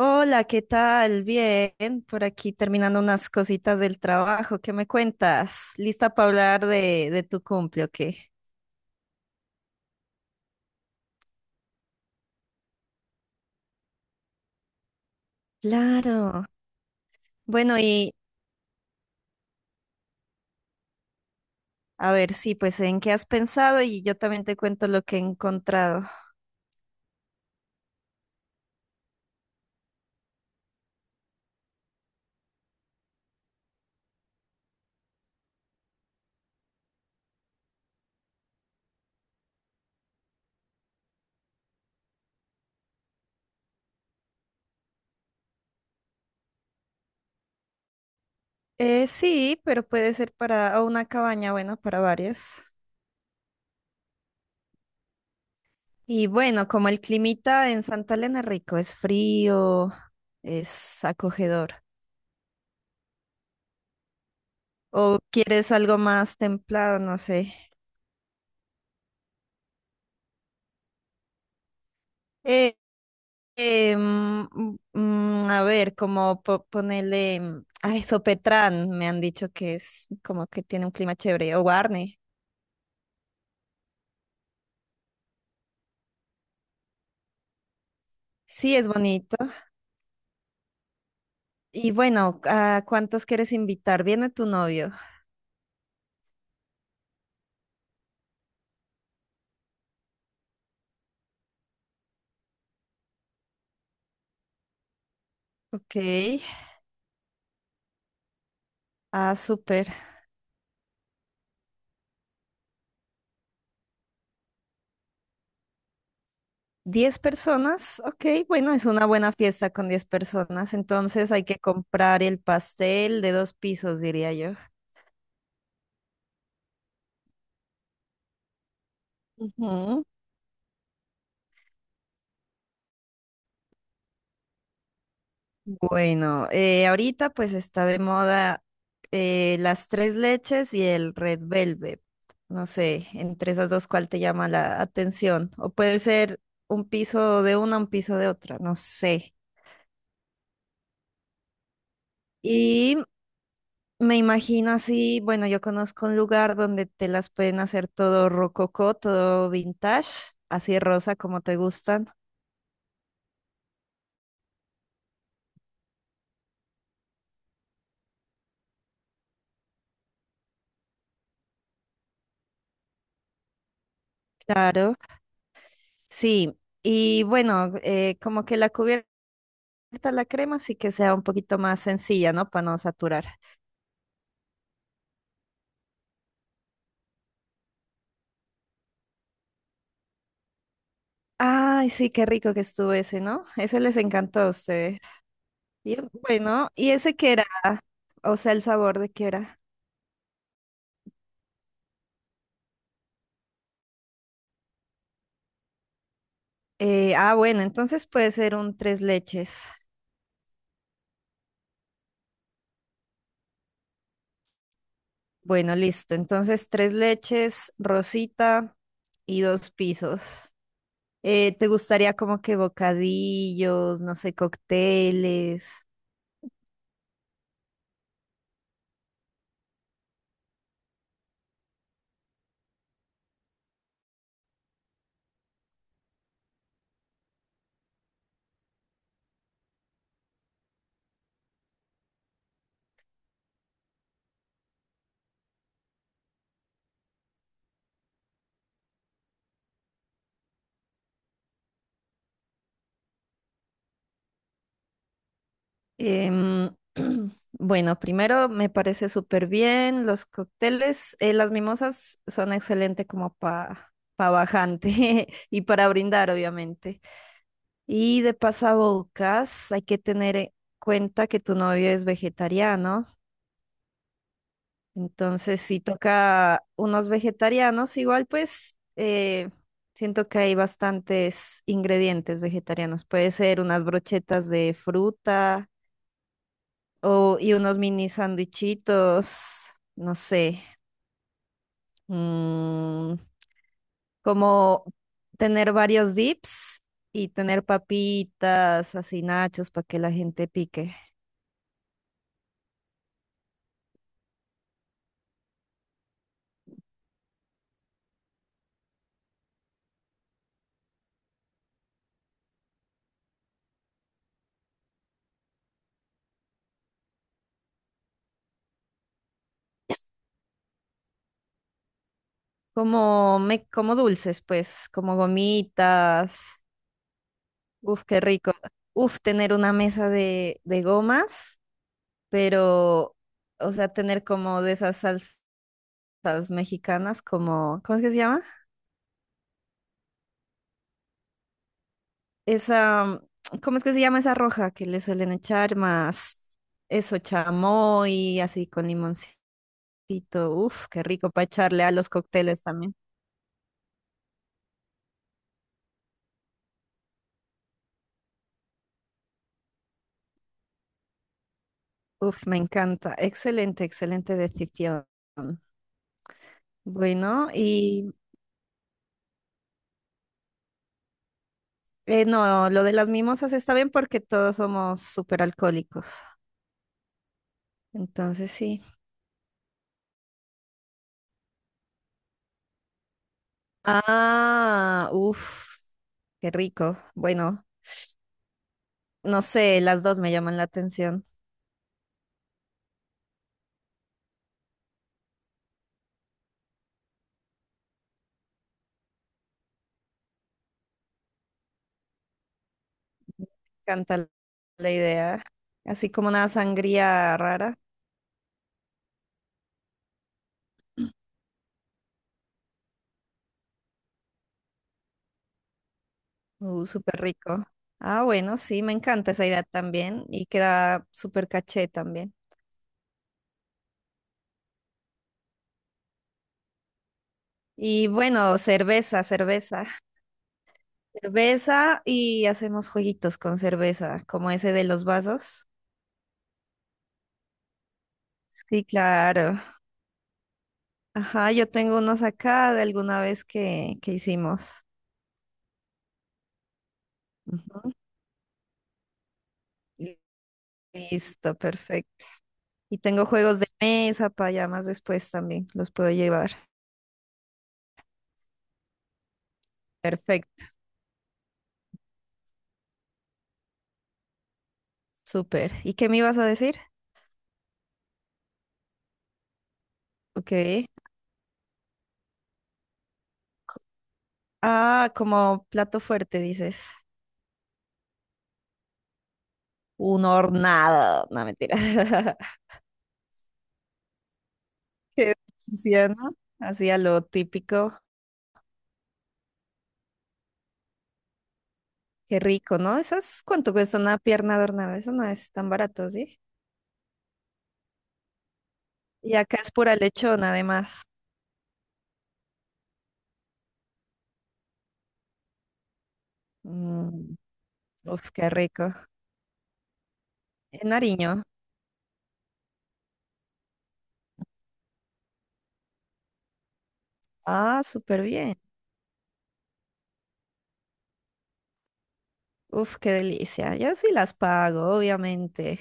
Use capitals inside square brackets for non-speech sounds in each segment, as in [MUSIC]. Hola, ¿qué tal? Bien, por aquí terminando unas cositas del trabajo. ¿Qué me cuentas? ¿Lista para hablar de tu cumple o qué? Claro. Bueno, y a ver, sí, pues en qué has pensado y yo también te cuento lo que he encontrado. Sí, pero puede ser para o una cabaña, bueno, para varios. Y bueno, como el climita en Santa Elena es rico, es frío, es acogedor. ¿O quieres algo más templado? No sé. Eh, Em, a ver, como ponerle ay, Sopetrán, me han dicho que es como que tiene un clima chévere, o Guarne. Sí, es bonito. Y bueno, ¿a cuántos quieres invitar? Viene tu novio. Ok. Ah, súper. ¿10 personas? Ok, bueno, es una buena fiesta con 10 personas. Entonces hay que comprar el pastel de dos pisos, diría yo. Ujú. Bueno, ahorita pues está de moda las tres leches y el Red Velvet. No sé, entre esas dos, ¿cuál te llama la atención? O puede ser un piso de una, un piso de otra, no sé. Y me imagino así, bueno, yo conozco un lugar donde te las pueden hacer todo rococó, todo vintage, así rosa como te gustan, claro. Sí, y bueno, como que la cubierta está la crema, así que sea un poquito más sencilla, ¿no? Para no saturar. Ay, sí, qué rico que estuvo ese, ¿no? Ese les encantó a ustedes. Y bueno, ¿y ese qué era? O sea, el sabor de qué era. Bueno, entonces puede ser un tres leches. Bueno, listo. Entonces, tres leches, rosita y dos pisos. ¿Te gustaría como que bocadillos, no sé, cócteles? Em, [CLEARS THROAT] bueno, primero me parece súper bien los cócteles. Las mimosas son excelentes como para bajante [LAUGHS] y para brindar, obviamente. Y de pasabocas, hay que tener en cuenta que tu novio es vegetariano. Entonces, si toca unos vegetarianos, igual pues siento que hay bastantes ingredientes vegetarianos. Puede ser unas brochetas de fruta O, y unos mini sándwichitos no sé, mm, como tener varios dips y tener papitas, así nachos para que la gente pique. Como, me, como dulces, pues, como gomitas. Uf, qué rico. Uf, tener una mesa de gomas, pero, o sea, tener como de esas salsas mexicanas, como, ¿cómo es que se llama? Esa, ¿cómo es que se llama esa roja que le suelen echar más eso, chamoy, así con limoncito? Uf, qué rico para echarle a los cócteles también. Uf, me encanta. Excelente, excelente decisión. Bueno, y no, lo de las mimosas está bien porque todos somos súper alcohólicos. Entonces sí. Ah, uf, qué rico. Bueno, no sé, las dos me llaman la atención. Encanta la idea. Así como una sangría rara. Súper rico. Ah, bueno, sí, me encanta esa idea también. Y queda súper caché también. Y bueno, cerveza, cerveza. Cerveza y hacemos jueguitos con cerveza, como ese de los vasos. Sí, claro. Ajá, yo tengo unos acá de alguna vez que hicimos. Ujú. Li- Listo, perfecto. Y tengo juegos de mesa para ya más después también, los puedo llevar. Perfecto. Súper. ¿Y qué me ibas a decir? Ok. Ah, como plato fuerte, dices. Un hornado. No, mentira. [LAUGHS] Qué delicia, ¿no? Así a lo típico. Qué rico, ¿no? ¿Esas cuánto cuesta una pierna de hornado? Eso no es tan barato, ¿sí? Y acá es pura lechona, además. Mm, uf, qué rico. En Nariño. Ah, súper bien. Uf, qué delicia. Yo sí las pago, obviamente.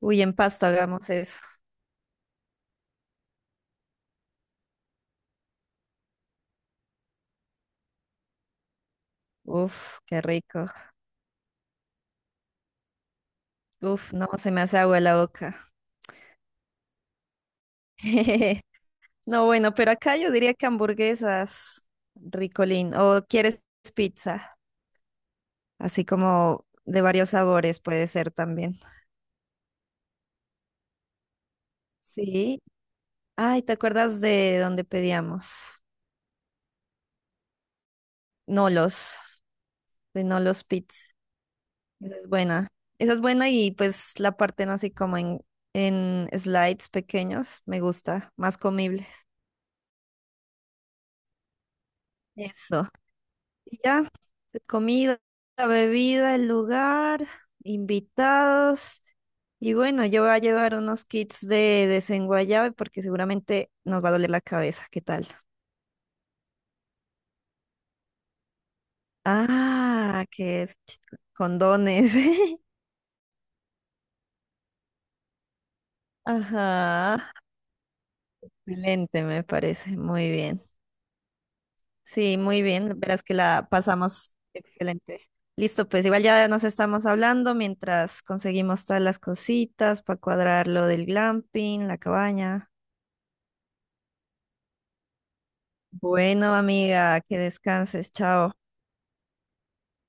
Uy, en Pasto hagamos eso. Uf, qué rico. Uf, no, se me hace agua la boca. [LAUGHS] No, bueno, pero acá yo diría que hamburguesas, ricolín, o quieres pizza, así como de varios sabores puede ser también. Sí. Ay, ¿te acuerdas de dónde pedíamos? Nolos, de Nolos Pizza. Esa es buena. Esa es buena y pues la parten así como en slides pequeños, me gusta, más comible. Eso. Y ya, comida, bebida, el lugar, invitados. Y bueno, yo voy a llevar unos kits de desenguayabe porque seguramente nos va a doler la cabeza. ¿Qué tal? Ah, que es condones. [LAUGHS] Ajá. Excelente, me parece. Muy bien. Sí, muy bien. Verás que la pasamos excelente. Listo, pues igual ya nos estamos hablando mientras conseguimos todas las cositas para cuadrar lo del glamping, la cabaña. Bueno, amiga, que descanses, chao.